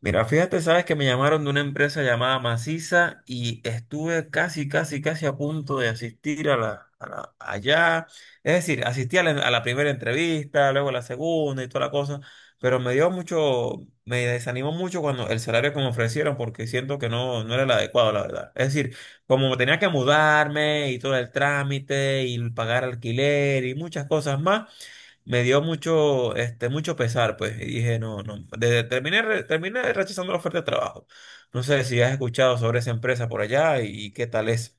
Mira, fíjate, sabes que me llamaron de una empresa llamada Maciza y estuve casi, casi, casi a punto de asistir a la, allá. Es decir, asistí a la primera entrevista, luego a la segunda y toda la cosa, pero me dio mucho, me desanimó mucho cuando el salario que me ofrecieron porque siento que no era el adecuado, la verdad. Es decir, como tenía que mudarme y todo el trámite y pagar alquiler y muchas cosas más me dio mucho, mucho pesar, pues, y dije, no, no, terminé, terminé rechazando la oferta de trabajo. No sé si has escuchado sobre esa empresa por allá y qué tal es.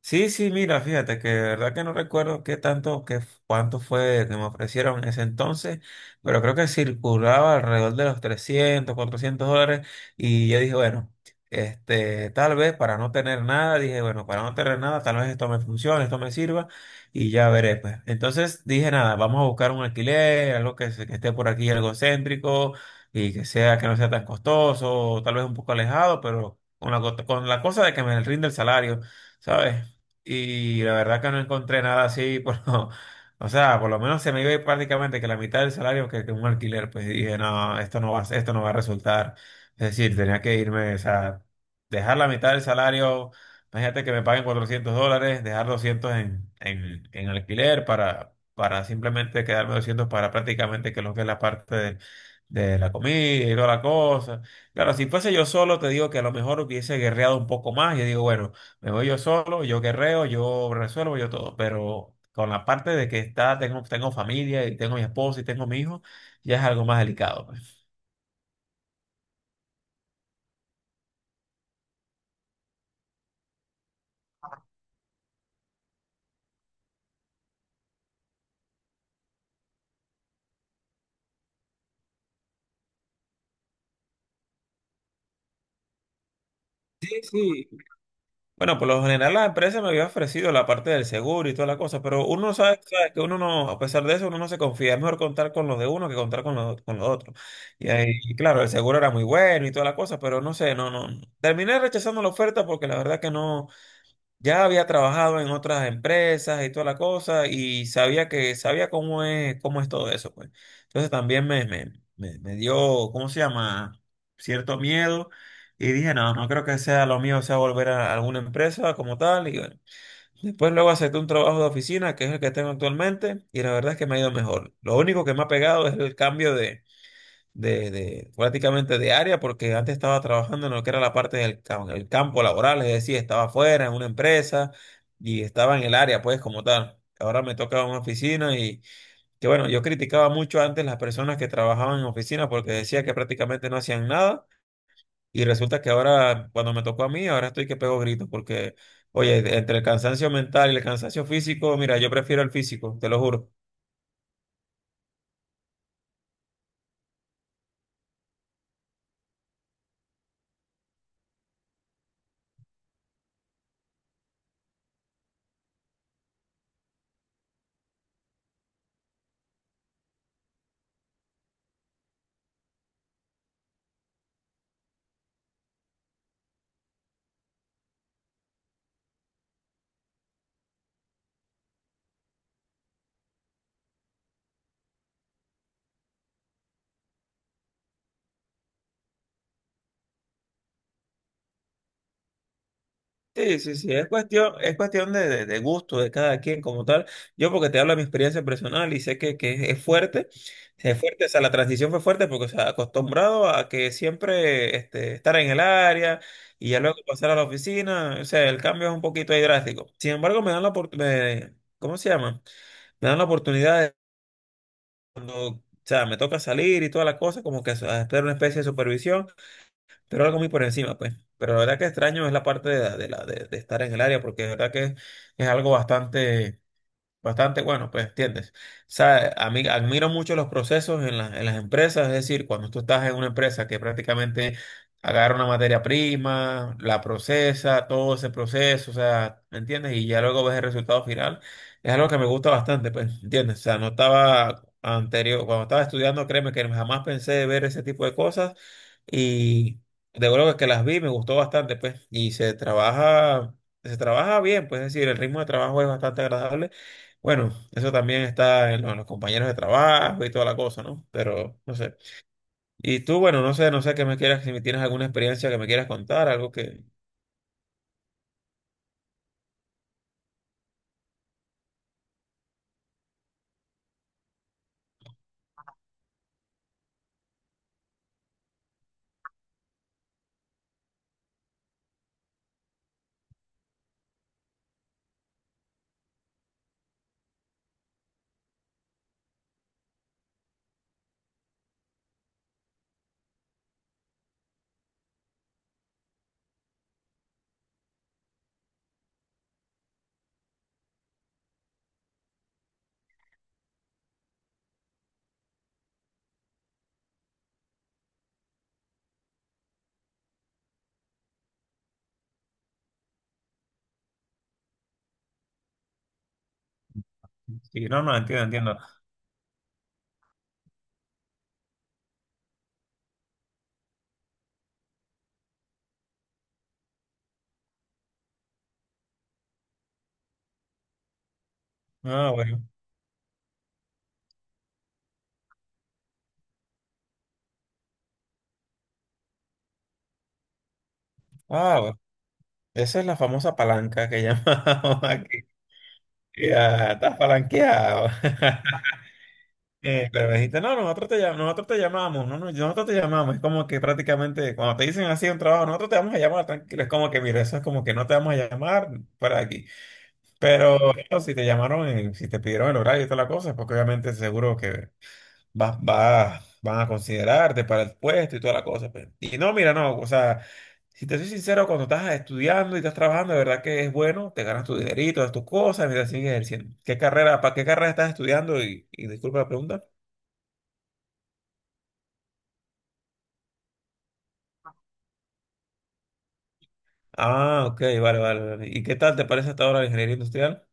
Sí, sí, mira, fíjate que de verdad que no recuerdo qué tanto, cuánto fue que me ofrecieron en ese entonces, pero creo que circulaba alrededor de los $300, $400 y yo dije, bueno, tal vez para no tener nada, dije, bueno, para no tener nada, tal vez esto me funcione, esto me sirva y ya veré, pues. Entonces dije, nada, vamos a buscar un alquiler, algo que, que esté por aquí, algo céntrico y que sea, que no sea tan costoso, tal vez un poco alejado, pero con la, con la cosa de que me rinde el salario. ¿Sabes? Y la verdad que no encontré nada así, o sea, por lo menos se me iba a ir prácticamente que la mitad del salario que un alquiler, pues dije, no, esto no va, esto no va a resultar. Es decir, tenía que irme, o sea, dejar la mitad del salario, imagínate que me paguen $400, dejar 200 en alquiler para simplemente quedarme 200 para prácticamente que lo que es la parte de la comida y toda la cosa. Claro, si fuese yo solo, te digo que a lo mejor hubiese guerreado un poco más, yo digo, bueno. Me voy yo solo, yo guerreo, yo resuelvo, yo todo. Pero con la parte de que está, tengo familia y tengo mi esposa y tengo mi hijo, ya es algo más delicado, pues. Sí, sí. Bueno, por lo general la empresa me había ofrecido la parte del seguro y toda la cosa, pero uno sabe, sabe que uno no, a pesar de eso, uno no se confía. Es mejor contar con los de uno que contar con los otros. Y ahí, y claro, el seguro era muy bueno y toda la cosa, pero no sé, no, no. Terminé rechazando la oferta porque la verdad que no. Ya había trabajado en otras empresas y toda la cosa y sabía que sabía cómo es todo eso, pues. Entonces también me dio, ¿cómo se llama? Cierto miedo y dije, no, no creo que sea lo mío, sea volver a alguna empresa como tal y bueno. Después luego acepté un trabajo de oficina, que es el que tengo actualmente y la verdad es que me ha ido mejor. Lo único que me ha pegado es el cambio de, prácticamente de área, porque antes estaba trabajando en lo que era la parte el campo laboral, es decir, estaba afuera en una empresa y estaba en el área, pues, como tal. Ahora me toca una oficina y que bueno, yo criticaba mucho antes las personas que trabajaban en oficina porque decía que prácticamente no hacían nada y resulta que ahora, cuando me tocó a mí, ahora estoy que pego gritos porque, oye, entre el cansancio mental y el cansancio físico, mira, yo prefiero el físico, te lo juro. Sí, sí, sí, es cuestión de gusto de cada quien como tal. Yo porque te hablo de mi experiencia personal y sé que es fuerte, o sea, la transición fue fuerte porque, o sea, acostumbrado a que siempre estar en el área y ya luego pasar a la oficina, o sea, el cambio es un poquito ahí drástico. Sin embargo, me dan la oportunidad, ¿cómo se llama? Me dan la oportunidad de cuando, o sea, me toca salir y toda la cosa, como que hacer una especie de supervisión pero algo muy por encima, pues. Pero la verdad que extraño es la parte de estar en el área, porque la verdad que es algo bastante bastante bueno, pues, ¿entiendes? O sea, a mí admiro mucho los procesos en en las empresas, es decir, cuando tú estás en una empresa que prácticamente agarra una materia prima, la procesa, todo ese proceso, o sea, ¿me entiendes? Y ya luego ves el resultado final, es algo que me gusta bastante, pues, ¿entiendes? O sea, no estaba anterior, cuando estaba estudiando, créeme que jamás pensé de ver ese tipo de cosas y de luego que las vi, me gustó bastante, pues, y se trabaja bien, pues, es decir, el ritmo de trabajo es bastante agradable, bueno, eso también está en en los compañeros de trabajo y toda la cosa, ¿no? Pero no sé. Y tú, bueno, no sé, no sé qué me quieras, si me tienes alguna experiencia que me quieras contar, algo que... Sí, no, no, entiendo, entiendo. Ah, bueno. Ah, bueno. Esa es la famosa palanca que llamamos aquí. Ya, estás palanqueado. Pero me dijiste, no, nosotros te, nosotros te llamamos, no, no, nosotros te llamamos. Es como que prácticamente cuando te dicen así un trabajo, nosotros te vamos a llamar, tranquilo. Es como que, mira, eso es como que no te vamos a llamar para aquí. Pero bueno, si te llamaron, si te pidieron el horario y toda la cosa, porque obviamente seguro que van a considerarte para el puesto y toda la cosa, pues. Y no, mira, no, o sea, si te soy sincero, cuando estás estudiando y estás trabajando, de verdad que es bueno, te ganas tu dinerito, das tus cosas, mientras sigues ejerciendo. ¿Qué carrera, para qué carrera estás estudiando? Y disculpa la pregunta. Ah, ok, vale, vale, vale. ¿Y qué tal te parece hasta ahora la ingeniería industrial?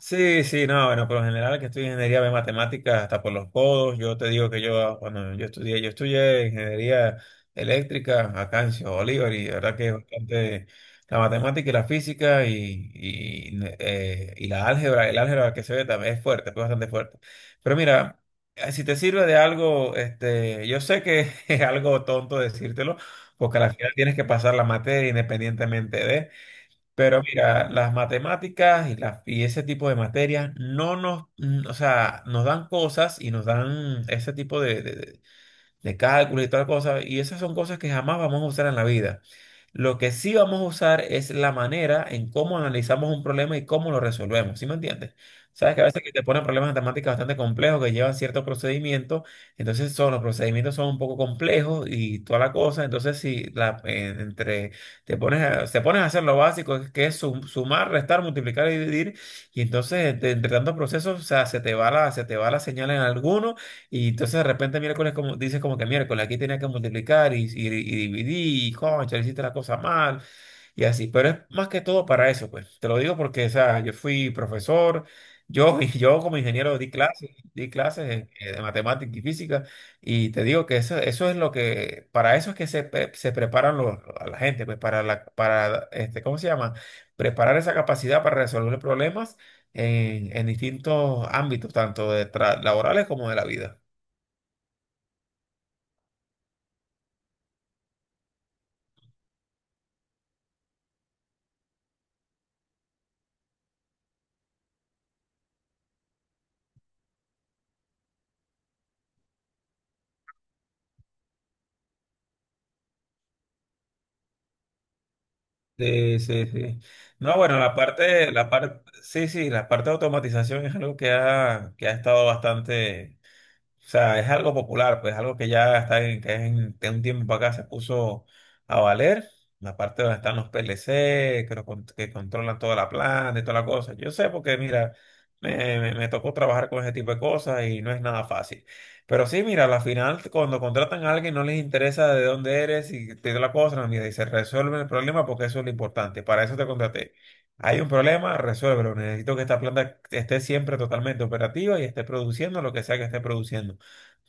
Sí, sí, no, bueno, por lo general que estudio ingeniería de matemáticas hasta por los codos, yo te digo que yo cuando yo estudié ingeniería eléctrica acá en Ciudad Bolívar y la verdad que es bastante la matemática y la física y la álgebra, el álgebra que se ve también es fuerte, es bastante fuerte. Pero mira, si te sirve de algo, yo sé que es algo tonto decírtelo, porque al final tienes que pasar la materia independientemente de... Pero mira, las matemáticas y ese tipo de materias no nos, o sea, nos dan cosas y nos dan ese tipo de cálculo y tal cosa, y esas son cosas que jamás vamos a usar en la vida. Lo que sí vamos a usar es la manera en cómo analizamos un problema y cómo lo resolvemos, ¿sí me entiendes? Sabes que a veces que te ponen problemas matemáticos bastante complejos que llevan ciertos procedimientos, entonces son, los procedimientos son un poco complejos y toda la cosa, entonces si la, te pones a hacer lo básico, que es sumar, restar, multiplicar y dividir, y entonces entre tantos procesos, o sea, se te va la señal en alguno y entonces de repente miércoles como, dices como que miércoles aquí tenía que multiplicar y dividir, y concha, hiciste la cosa mal y así. Pero es más que todo para eso, pues. Te lo digo porque, o sea, yo fui profesor, yo, y yo como ingeniero di clases de matemática y física y te digo que eso es lo que, para eso es que se, se preparan los, a la gente, pues para la, para, ¿cómo se llama? Preparar esa capacidad para resolver problemas en distintos ámbitos, tanto de laborales como de la vida. Sí, sí, sí. No, bueno, la parte, sí, sí, la parte de automatización es algo que ha estado bastante. O sea, es algo popular, pues algo que ya está en, que es en, de un tiempo para acá se puso a valer. La parte donde están los PLC, que, que controlan toda la planta y toda la cosa. Yo sé porque, mira, me tocó trabajar con ese tipo de cosas y no es nada fácil. Pero sí, mira, a la final, cuando contratan a alguien, no les interesa de dónde eres y te dio la cosa, no, mira, y se resuelve el problema porque eso es lo importante. Para eso te contraté. Hay un problema, resuélvelo. Necesito que esta planta esté siempre totalmente operativa y esté produciendo lo que sea que esté produciendo.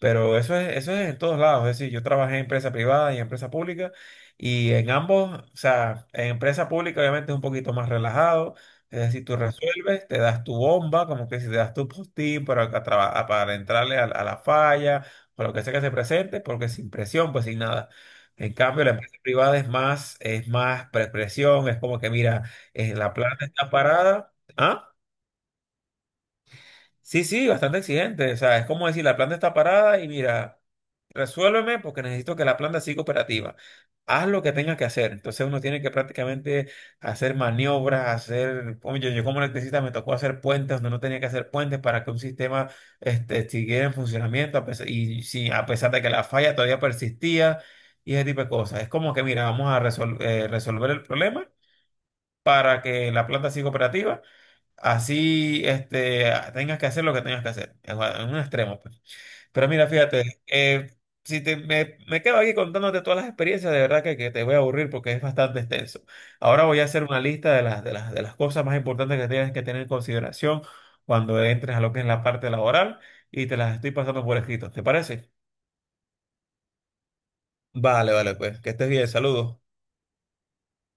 Pero eso es en todos lados. Es decir, yo trabajé en empresa privada y en empresa pública y en ambos, o sea, en empresa pública obviamente es un poquito más relajado. Es decir, tú, claro, resuelves, te das tu bomba, como que si te das tu postín para, para entrarle a la, a la falla o lo que sea que se presente, porque sin presión, pues sin nada. En cambio, la, claro, empresa privada es más presión, es como que, mira, la planta está parada. ¿Ah? Sí, sí, bastante exigente. O sea, es como decir, la planta está parada y mira, resuélveme porque necesito que la planta siga operativa. Haz lo que tengas que hacer. Entonces uno tiene que prácticamente hacer maniobras, hacer... Oye, yo como electricista me tocó hacer puentes donde no tenía que hacer puentes para que un sistema, siguiera en funcionamiento y sí, a pesar de que la falla todavía persistía y ese tipo de cosas. Es como que, mira, vamos a resolver el problema para que la planta siga operativa. Así, tengas que hacer lo que tengas que hacer, en un extremo, pues. Pero mira, fíjate, si te, me quedo aquí contándote todas las experiencias, de verdad que te voy a aburrir porque es bastante extenso. Ahora voy a hacer una lista de las cosas más importantes que tienes que tener en consideración cuando entres a lo que es la parte laboral y te las estoy pasando por escrito, ¿te parece? Vale, vale, pues, que estés bien, saludos.